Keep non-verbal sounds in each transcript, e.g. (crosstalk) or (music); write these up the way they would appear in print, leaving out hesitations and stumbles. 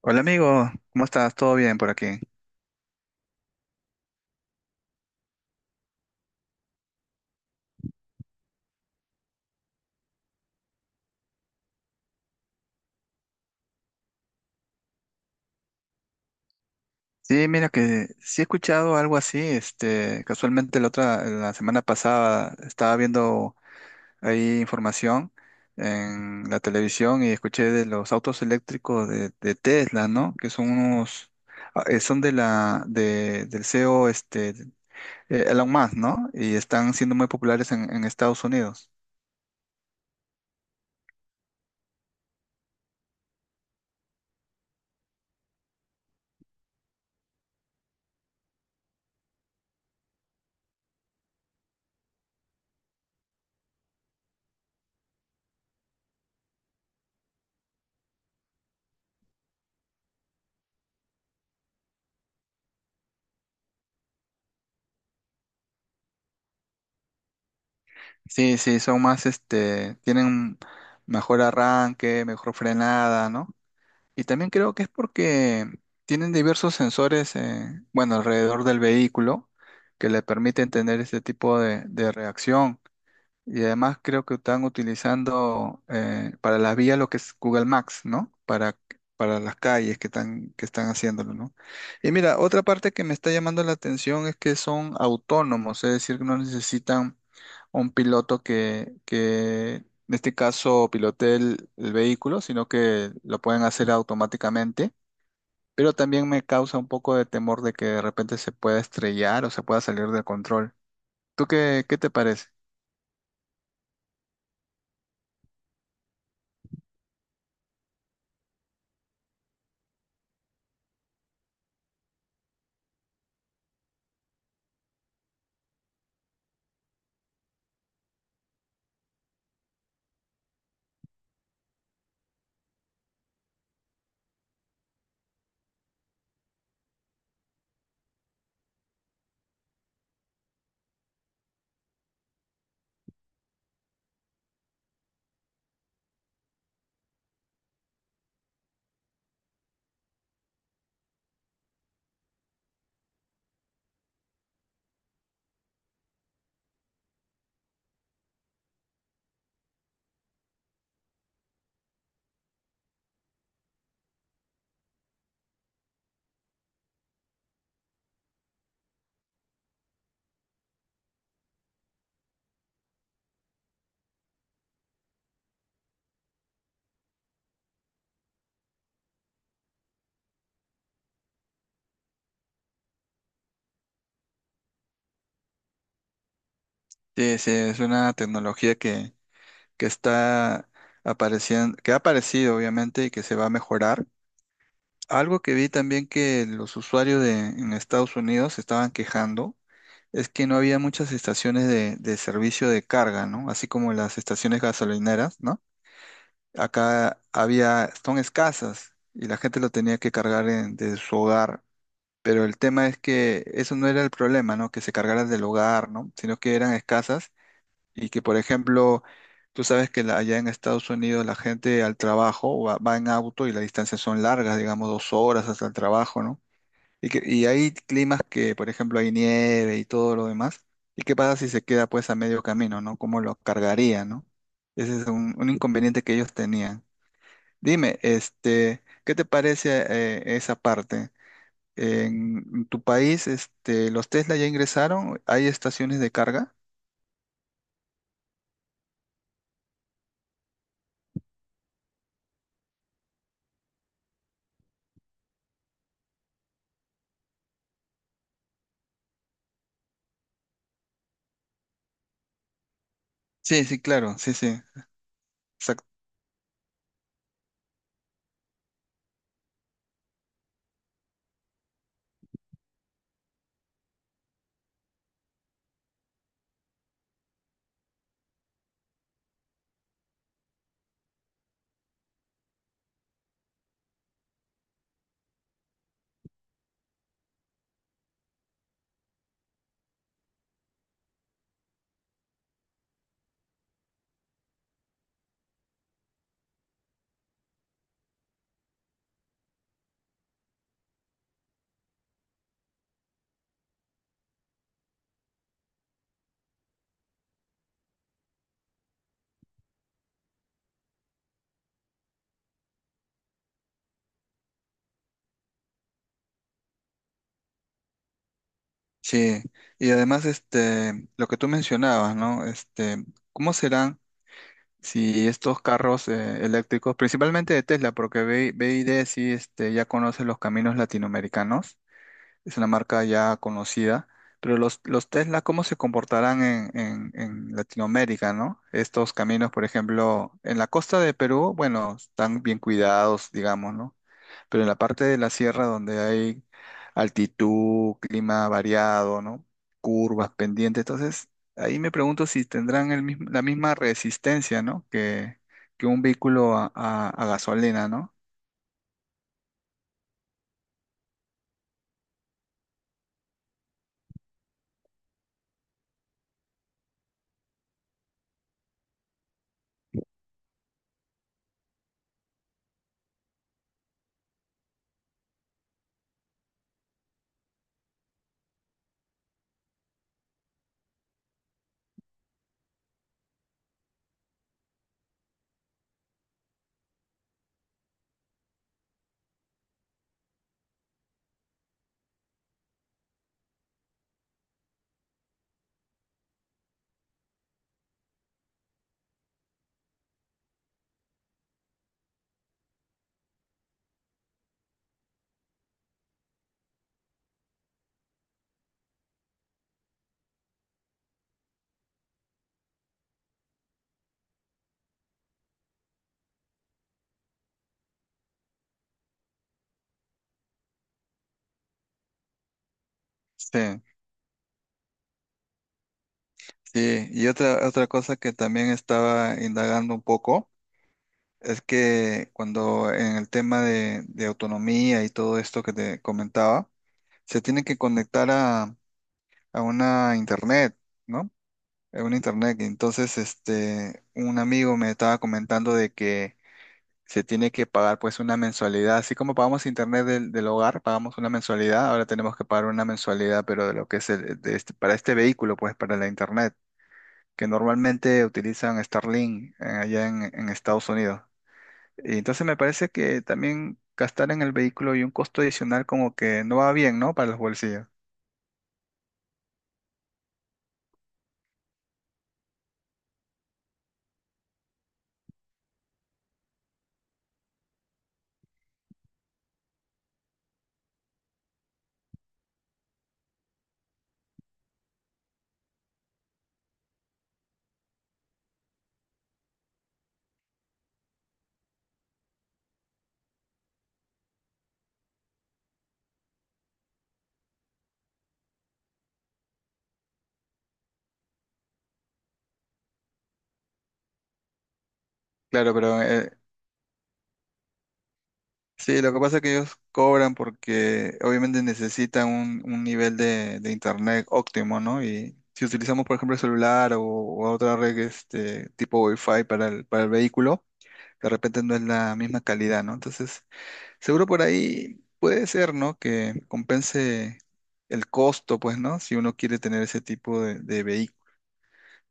Hola amigo, ¿cómo estás? ¿Todo bien por aquí? Sí, mira que sí he escuchado algo así, este, casualmente la semana pasada estaba viendo ahí información en la televisión y escuché de los autos eléctricos de Tesla, ¿no? Que son unos, son del CEO, Elon Musk, ¿no? Y están siendo muy populares en Estados Unidos. Sí, sí, son más, este, tienen mejor arranque, mejor frenada, ¿no? Y también creo que es porque tienen diversos sensores, bueno, alrededor del vehículo que le permiten tener este tipo de reacción. Y además creo que están utilizando para las vías lo que es Google Maps, ¿no? Para las calles que están haciéndolo, ¿no? Y mira, otra parte que me está llamando la atención es que son autónomos, es decir, que no necesitan un piloto que en este caso pilotee el vehículo, sino que lo pueden hacer automáticamente. Pero también me causa un poco de temor de que de repente se pueda estrellar o se pueda salir de control. ¿Tú qué te parece? Sí, sí, es una tecnología que está apareciendo, que ha aparecido obviamente y que se va a mejorar. Algo que vi también que los usuarios en Estados Unidos se estaban quejando es que no había muchas estaciones de servicio de carga, ¿no? Así como las estaciones gasolineras, ¿no? Acá había, son escasas y la gente lo tenía que desde su hogar. Pero el tema es que eso no era el problema, ¿no? Que se cargaran del hogar, ¿no? Sino que eran escasas y que, por ejemplo, tú sabes allá en Estados Unidos la gente al trabajo va en auto y las distancias son largas, digamos dos horas hasta el trabajo, ¿no? Y hay climas que, por ejemplo, hay nieve y todo lo demás. ¿Y qué pasa si se queda pues a medio camino, ¿no? ¿Cómo lo cargaría, ¿no? Ese es un inconveniente que ellos tenían. Dime, este, ¿qué te parece esa parte? En tu país, este, ¿los Tesla ya ingresaron? ¿Hay estaciones de carga? Sí, sí, claro, sí, sí. Sí, y además este, lo que tú mencionabas, ¿no? Este, ¿cómo serán si estos carros eléctricos, principalmente de Tesla, porque BYD sí este, ya conoce los caminos latinoamericanos, es una marca ya conocida, pero los Tesla, ¿cómo se comportarán en, en Latinoamérica, ¿no? Estos caminos, por ejemplo, en la costa de Perú, bueno, están bien cuidados, digamos, ¿no? Pero en la parte de la sierra donde hay altitud, clima variado, ¿no? Curvas, pendientes, entonces ahí me pregunto si tendrán la misma resistencia, ¿no? Que un vehículo a gasolina, ¿no? Sí, sí. Y otra, otra cosa que también estaba indagando un poco es que cuando en el tema de autonomía y todo esto que te comentaba, se tiene que conectar a una internet, ¿no? En un internet. Y entonces, este, un amigo me estaba comentando de que se tiene que pagar pues una mensualidad. Así como pagamos internet del hogar, pagamos una mensualidad, ahora tenemos que pagar una mensualidad, pero de lo que es para este vehículo, pues para la internet, que normalmente utilizan Starlink allá en Estados Unidos. Y entonces me parece que también gastar en el vehículo y un costo adicional como que no va bien, ¿no? Para los bolsillos. Claro, pero sí, lo que pasa es que ellos cobran porque obviamente necesitan un nivel de internet óptimo, ¿no? Y si utilizamos, por ejemplo, el celular o otra red este, tipo Wi-Fi para para el vehículo, de repente no es la misma calidad, ¿no? Entonces, seguro por ahí puede ser, ¿no? Que compense el costo, pues, ¿no? Si uno quiere tener ese tipo de vehículos.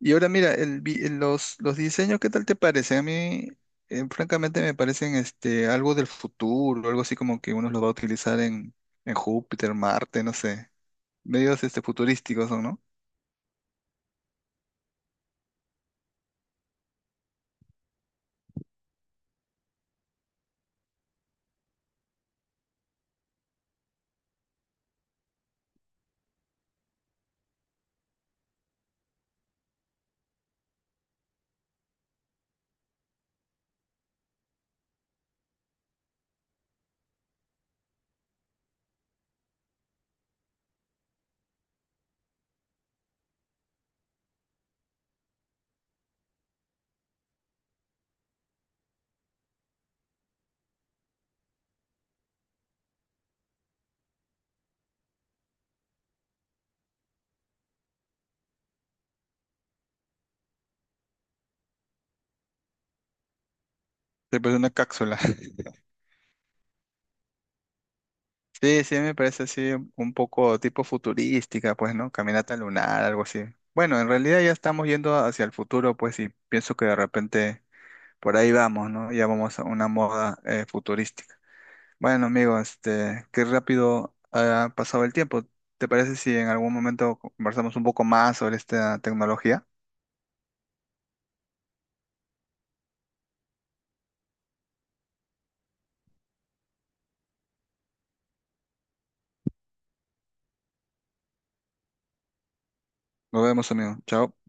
Y ahora mira, los diseños, ¿qué tal te parecen? A mí, francamente, me parecen este, algo del futuro, algo así como que uno los va a utilizar en Júpiter, Marte, no sé. Medios este, futurísticos son, ¿no? Se parece una cápsula. (laughs) Sí, sí, me parece así un poco tipo futurística, pues, ¿no? Caminata lunar, algo así. Bueno, en realidad ya estamos yendo hacia el futuro, pues, y pienso que de repente por ahí vamos, ¿no? Ya vamos a una moda futurística. Bueno, amigo, este, qué rápido ha pasado el tiempo. ¿Te parece si en algún momento conversamos un poco más sobre esta tecnología? Nos vemos, amigo. Chao.